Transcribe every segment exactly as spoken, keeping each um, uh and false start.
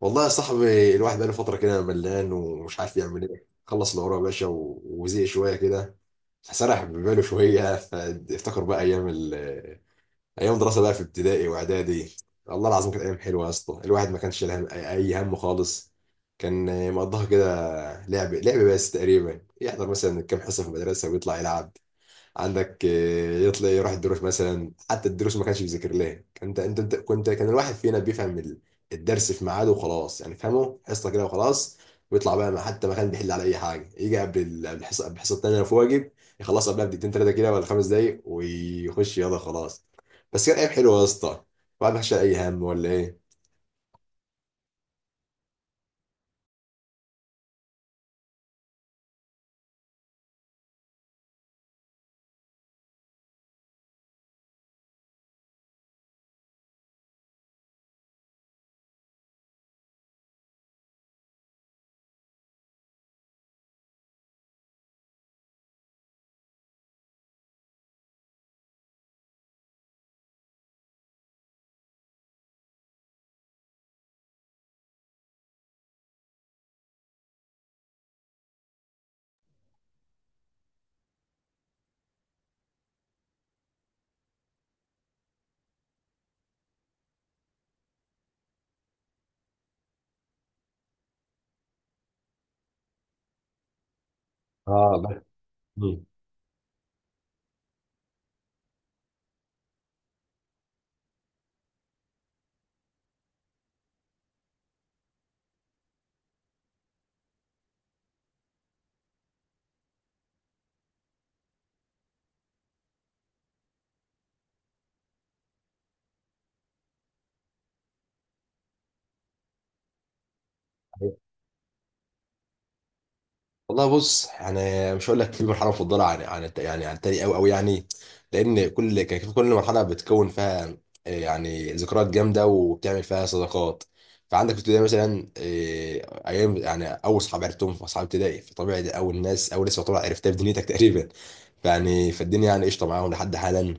والله يا صاحبي، الواحد بقاله فترة كده ملان ومش عارف يعمل ايه. خلص الأوراق يا باشا و- وزهق شوية كده. سرح بباله شوية فافتكر بقى أيام ال أيام دراسة بقى في ابتدائي وإعدادي. الله العظيم، كانت أيام حلوة يا اسطى. الواحد ما كانش له أي أي هم خالص. كان مقضاها كده لعب لعب بس، تقريبا يحضر مثلا كام حصة في المدرسة ويطلع يلعب. عندك آه، يطلع يروح الدروس مثلا، حتى الدروس ما كانش بيذاكر لها. انت انت أنت- كنت كان الواحد فينا بيفهم ال- الدرس في ميعاده وخلاص، يعني فهمه حصه كده وخلاص. ويطلع بقى، ما- حتى ما كان بيحل على اي حاجه، يجي قبل ال- قبل الحصه قبل الحصه الثانيه لو في واجب يخلصها قبلها بدقيقتين ثلاثه كده ولا خمس دقايق ويخش، يلا خلاص. بس كان ايام حلوه يا اسطى، الواحد ما كانش شايل اي هم ولا ايه. اه الله. مم. والله بص، يعني مش هقول لك في مرحله مفضله عن عن الت- يعني عن التاني قوي قوي، يعني لان كل كان كل مرحله بتكون فيها آه، يعني ذكريات جامده وبتعمل فيها صداقات. فعندك في ابتدائي مثلا آه، ايام، يعني اول صحاب عرفتهم في اصحاب ابتدائي، فطبيعي دي اول ناس اول ناس يعتبر عرفتها في دنيتك تقريبا، يعني فالدنيا يعني قشطه معاهم لحد حالا.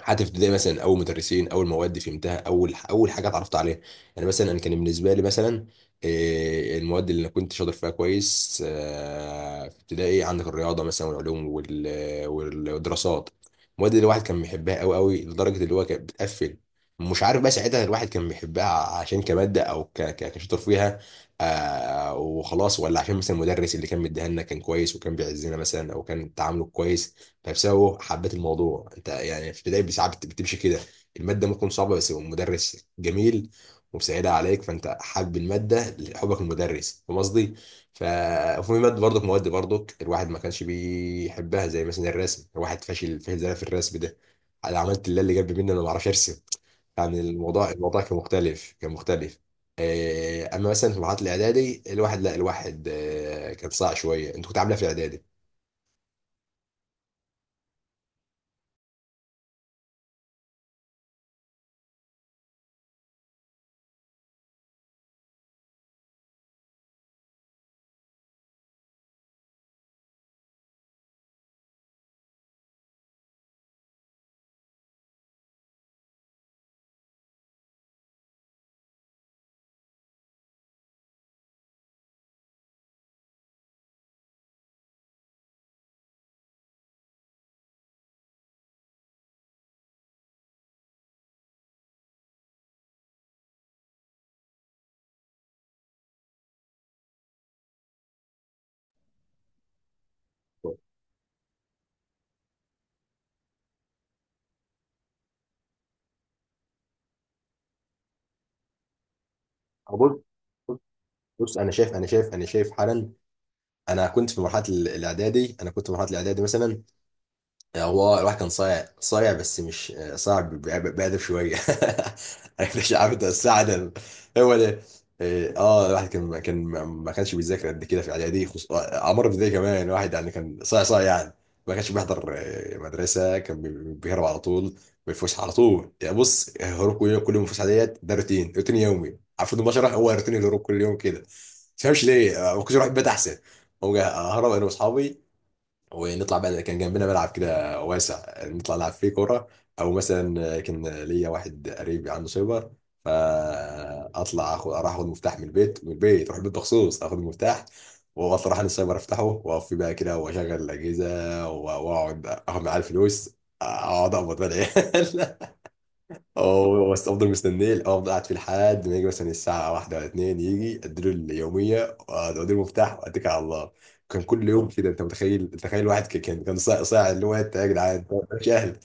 حتى في ابتدائي مثلا اول مدرسين، اول مواد فهمتها، اول اول حاجه اتعرفت عليها. يعني مثلا انا كان بالنسبه لي مثلا، إيه، المواد اللي انا كنت شاطر فيها كويس آه، في ابتدائي، عندك الرياضه مثلا والعلوم وال- والدراسات. المواد اللي الواحد كان بيحبها قوي قوي لدرجه اللي هو كانت بتقفل. مش عارف بقى ساعتها الواحد كان بيحبها عشان كماده او ك- ك- كشاطر فيها آه، وخلاص، ولا عشان مثلا المدرس اللي كان مديها لنا كان كويس وكان بيعزنا مثلا، او كان تعامله كويس نفسها هو حبت الموضوع. انت يعني في ابتدائي ساعات بت- بتمشي كده، الماده ممكن صعبه بس هو المدرس جميل ومساعدها عليك، فانت حابب الماده لحبك المدرس، فاهم قصدي؟ ف- وفي ماده برضك مواد برضك الواحد ما كانش بيحبها، زي مثلا الرسم. الواحد فاشل فاشل زي في الرسم ده، انا عملت اللي اللي جنبي مني، انا ما بعرفش ارسم، يعني الموضوع الموضوع كان مختلف، كان مختلف. آه، اما مثلا في مرحله الاعدادي، الواحد لا، الواحد آه، كان صعب شويه. انت كنت عامله في الاعدادي؟ أبص بص، انا شايف انا شايف انا شايف حالا. انا كنت في مرحله ال- الاعدادي، انا كنت في مرحله الاعدادي مثلا، هو الواحد كان صايع صايع بس مش صايع، ب- ب- بأدب شوية. عارف، مش عارف انت بس عدم. هو ده. إيه، اه الواحد كان كان ما كانش بيذاكر قد كده في اعدادي، خص... آه، عمر ابتدائي كمان الواحد يعني كان صايع صايع يعني، ما كانش بيحضر آه، مدرسة، كان بي- بيهرب على طول بالفسحة، على طول يعني. بص، هروب كل يوم، كل يوم الفسحة ديت، ده روتين روتين يومي عارف. البشرة هو روتين الهروب كل يوم كده، ما تفهمش ليه آه، ما كنتش بروح البيت احسن؟ هو ههرب انا واصحابي ونطلع بقى، كان جنبنا ملعب كده واسع، نطلع نلعب فيه كوره، او مثلا كان ليا واحد قريب عنده سايبر، فاطلع اخد اروح اخد مفتاح من البيت من البيت، اروح البيت مخصوص اخد المفتاح واطلع اروح عند السايبر افتحه، واقف فيه بقى كده واشغل الاجهزه واقعد اخد معاه الفلوس، اقعد اقبض بقى العيال. اه، بس افضل مستنيه، افضل قاعد فيه لحد ما يجي مثلا الساعه واحدة ولا اتنين، يجي اديله اليوميه واديله المفتاح واتكل على الله. كان كل يوم كده انت متخيل؟ تخيل واحد ك- كان كان صاع صاع اللي هو، انت يا جدعان أنت. مش اهل.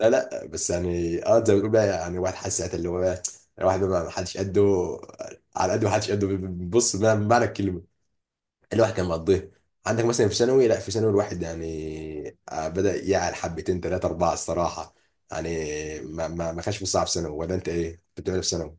لا لا بس، يعني اه زي ما بتقول بقى، يعني واحد حاسس ساعتها اللي هو بقى الواحد بقى ما حدش قده، على قده ما حدش قده. بص، بمعنى بمعنى الكلمه الواحد كان مقضيه. عندك مثلا في ثانوي، لا في ثانوي الواحد يعني آه، بدأ يعلى حبتين ثلاثة أربعة الصراحة، يعني ما ما ما كانش في صعب في ثانوي، ولا أنت إيه كنت بتعمل في ثانوي؟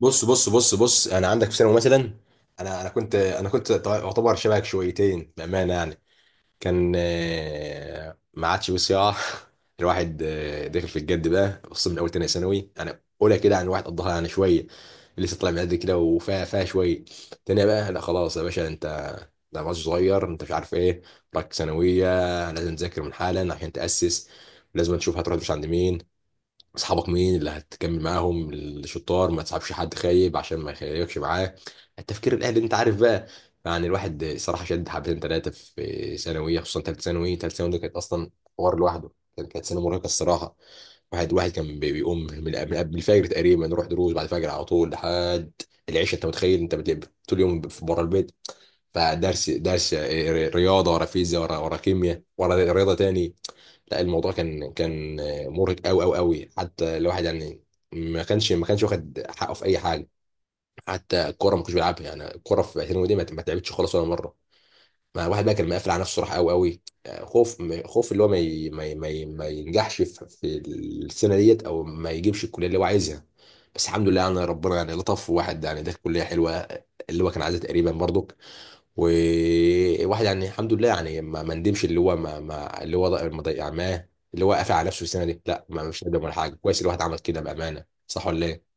بص بص بص بص، أنا عندك في ثانوي مثلا، أنا أنا كنت أنا كنت أعتبر شبهك شويتين بأمانة يعني. كان آه، ما عادش وسع. الواحد آه، داخل في الجد بقى، خصوصا من اول تانية ثانوي. انا اولى كده عن واحد قضاها يعني شويه، لسه طالع من قد كده وفيها فيها شويه. تانية بقى لا، خلاص يا باشا انت، ده ماتش صغير، انت مش عارف ايه، راك ثانويه، لازم تذاكر من حالا عشان تاسس، لازم تشوف هتروح مش عند مين، اصحابك مين اللي هتكمل معاهم الشطار، ما تصاحبش حد خايب عشان ما يخيبكش معاه. التفكير الاهلي انت عارف بقى. يعني الواحد صراحه شد حبتين ثلاثه في ثانويه، خصوصا ثالثه ثانوي. ثالثه ثانوي دي كانت اصلا حوار لوحده، كان- كانت سنه مرهقه الصراحه. واحد واحد كان بي- بيقوم من من قبل الفجر تقريبا، نروح دروس بعد الفجر على طول لحد العشاء. انت متخيل؟ انت بتلعب طول اليوم بره البيت، فدرس درس آه، رياضه، ورا فيزياء، ورا ورا كيمياء، ورا رياضه تاني. لا الموضوع كان كان مرهق قوي قوي قوي. حتى الواحد يعني ما كانش ما كانش واخد حقه في اي حاجه، حتى الكوره ما كنتش بيلعبها، يعني الكوره في اعتزال دي ما ما تعبتش خالص ولا مره. ما الواحد بقى كان مقفل على نفسه راح قوي قوي. خوف، خوف اللي هو ما ي- ما ي- ما ي- ما ينجحش في في السنه ديت، او ما يجيبش الكليه اللي هو عايزها. بس الحمد لله يعني، ربنا يعني لطف، واحد يعني ده كليه حلوه اللي هو كان عايزها تقريبا برضو. وواحد يعني الحمد لله يعني ما ما ندمش اللي هو ما, ما اللي هو ض- ما ضيع معاه اللي هو قافل على نفسه السنه دي. لا ما، مش ندم ولا حاجه، كويس الواحد عمل كده بامانه، صح ولا ايه؟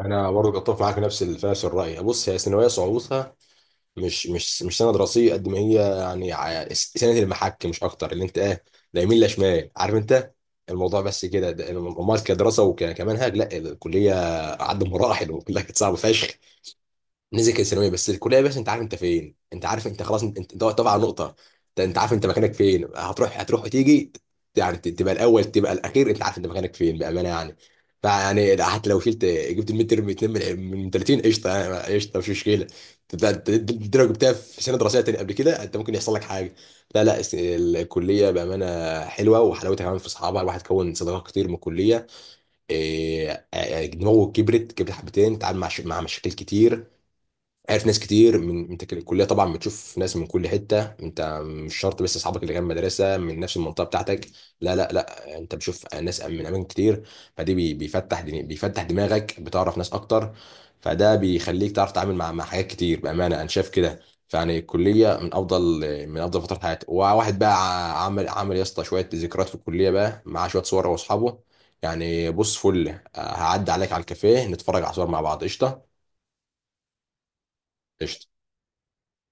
انا برضه بتفق معاك نفس ال، في نفس الراي. بص، هي ثانويه صعوبتها مش مش مش سنه دراسيه قد ما هي، يعني ع- سنه المحك مش اكتر، اللي انت ايه، لا يمين لا شمال، عارف انت الموضوع بس كده. ده- امال كدراسه وكمنهج، لا الكليه عدى مراحل وكلها كانت صعبه فشخ. نزل كان ثانويه، بس الكليه يا باشا انت عارف انت فين، انت عارف انت خلاص، انت انت انت واقف على نقطه، انت انت عارف انت مكانك فين، هتروح هتروح وتيجي، يعني ت- تبقى الاول تبقى الاخير، انت عارف انت مكانك فين بامانه يعني. فيعني ده حتى لو شلت، جبت الميد تيرم اتنين من من ثلاثين، قشطه يعني، قشطه مش مشكله. انت انت- انت لو جبتها في سنه دراسيه تاني قبل كده، انت ممكن يحصل لك حاجه، لا لا الس- الكليه بامانه حلوه. وحلاوتها كمان في اصحابها، الواحد كون صداقات كتير من الكليه. إيه، دماغه كبرت، كبرت حبتين، تعامل مع ش- مع مشاكل كتير، عارف ناس كتير من انت كده. الكليه طبعا بتشوف ناس من كل حته، انت مش شرط بس اصحابك اللي جنب مدرسه من نفس المنطقه بتاعتك، لا لا لا، انت بتشوف ناس من اماكن كتير، فدي بي- بيفتح دي- بيفتح دماغك، بتعرف ناس اكتر، فده بيخليك تعرف تتعامل مع مع حاجات كتير، بامانه انا شايف كده. فيعني الكليه من افضل، من افضل فترات حياتي. وواحد بقى ع- عمل عمل يا اسطى شويه ذكريات في الكليه بقى، مع شويه صور هو واصحابه، يعني بص فل، هعدي عليك على الكافيه نتفرج على صور مع بعض قشطه. قشطه.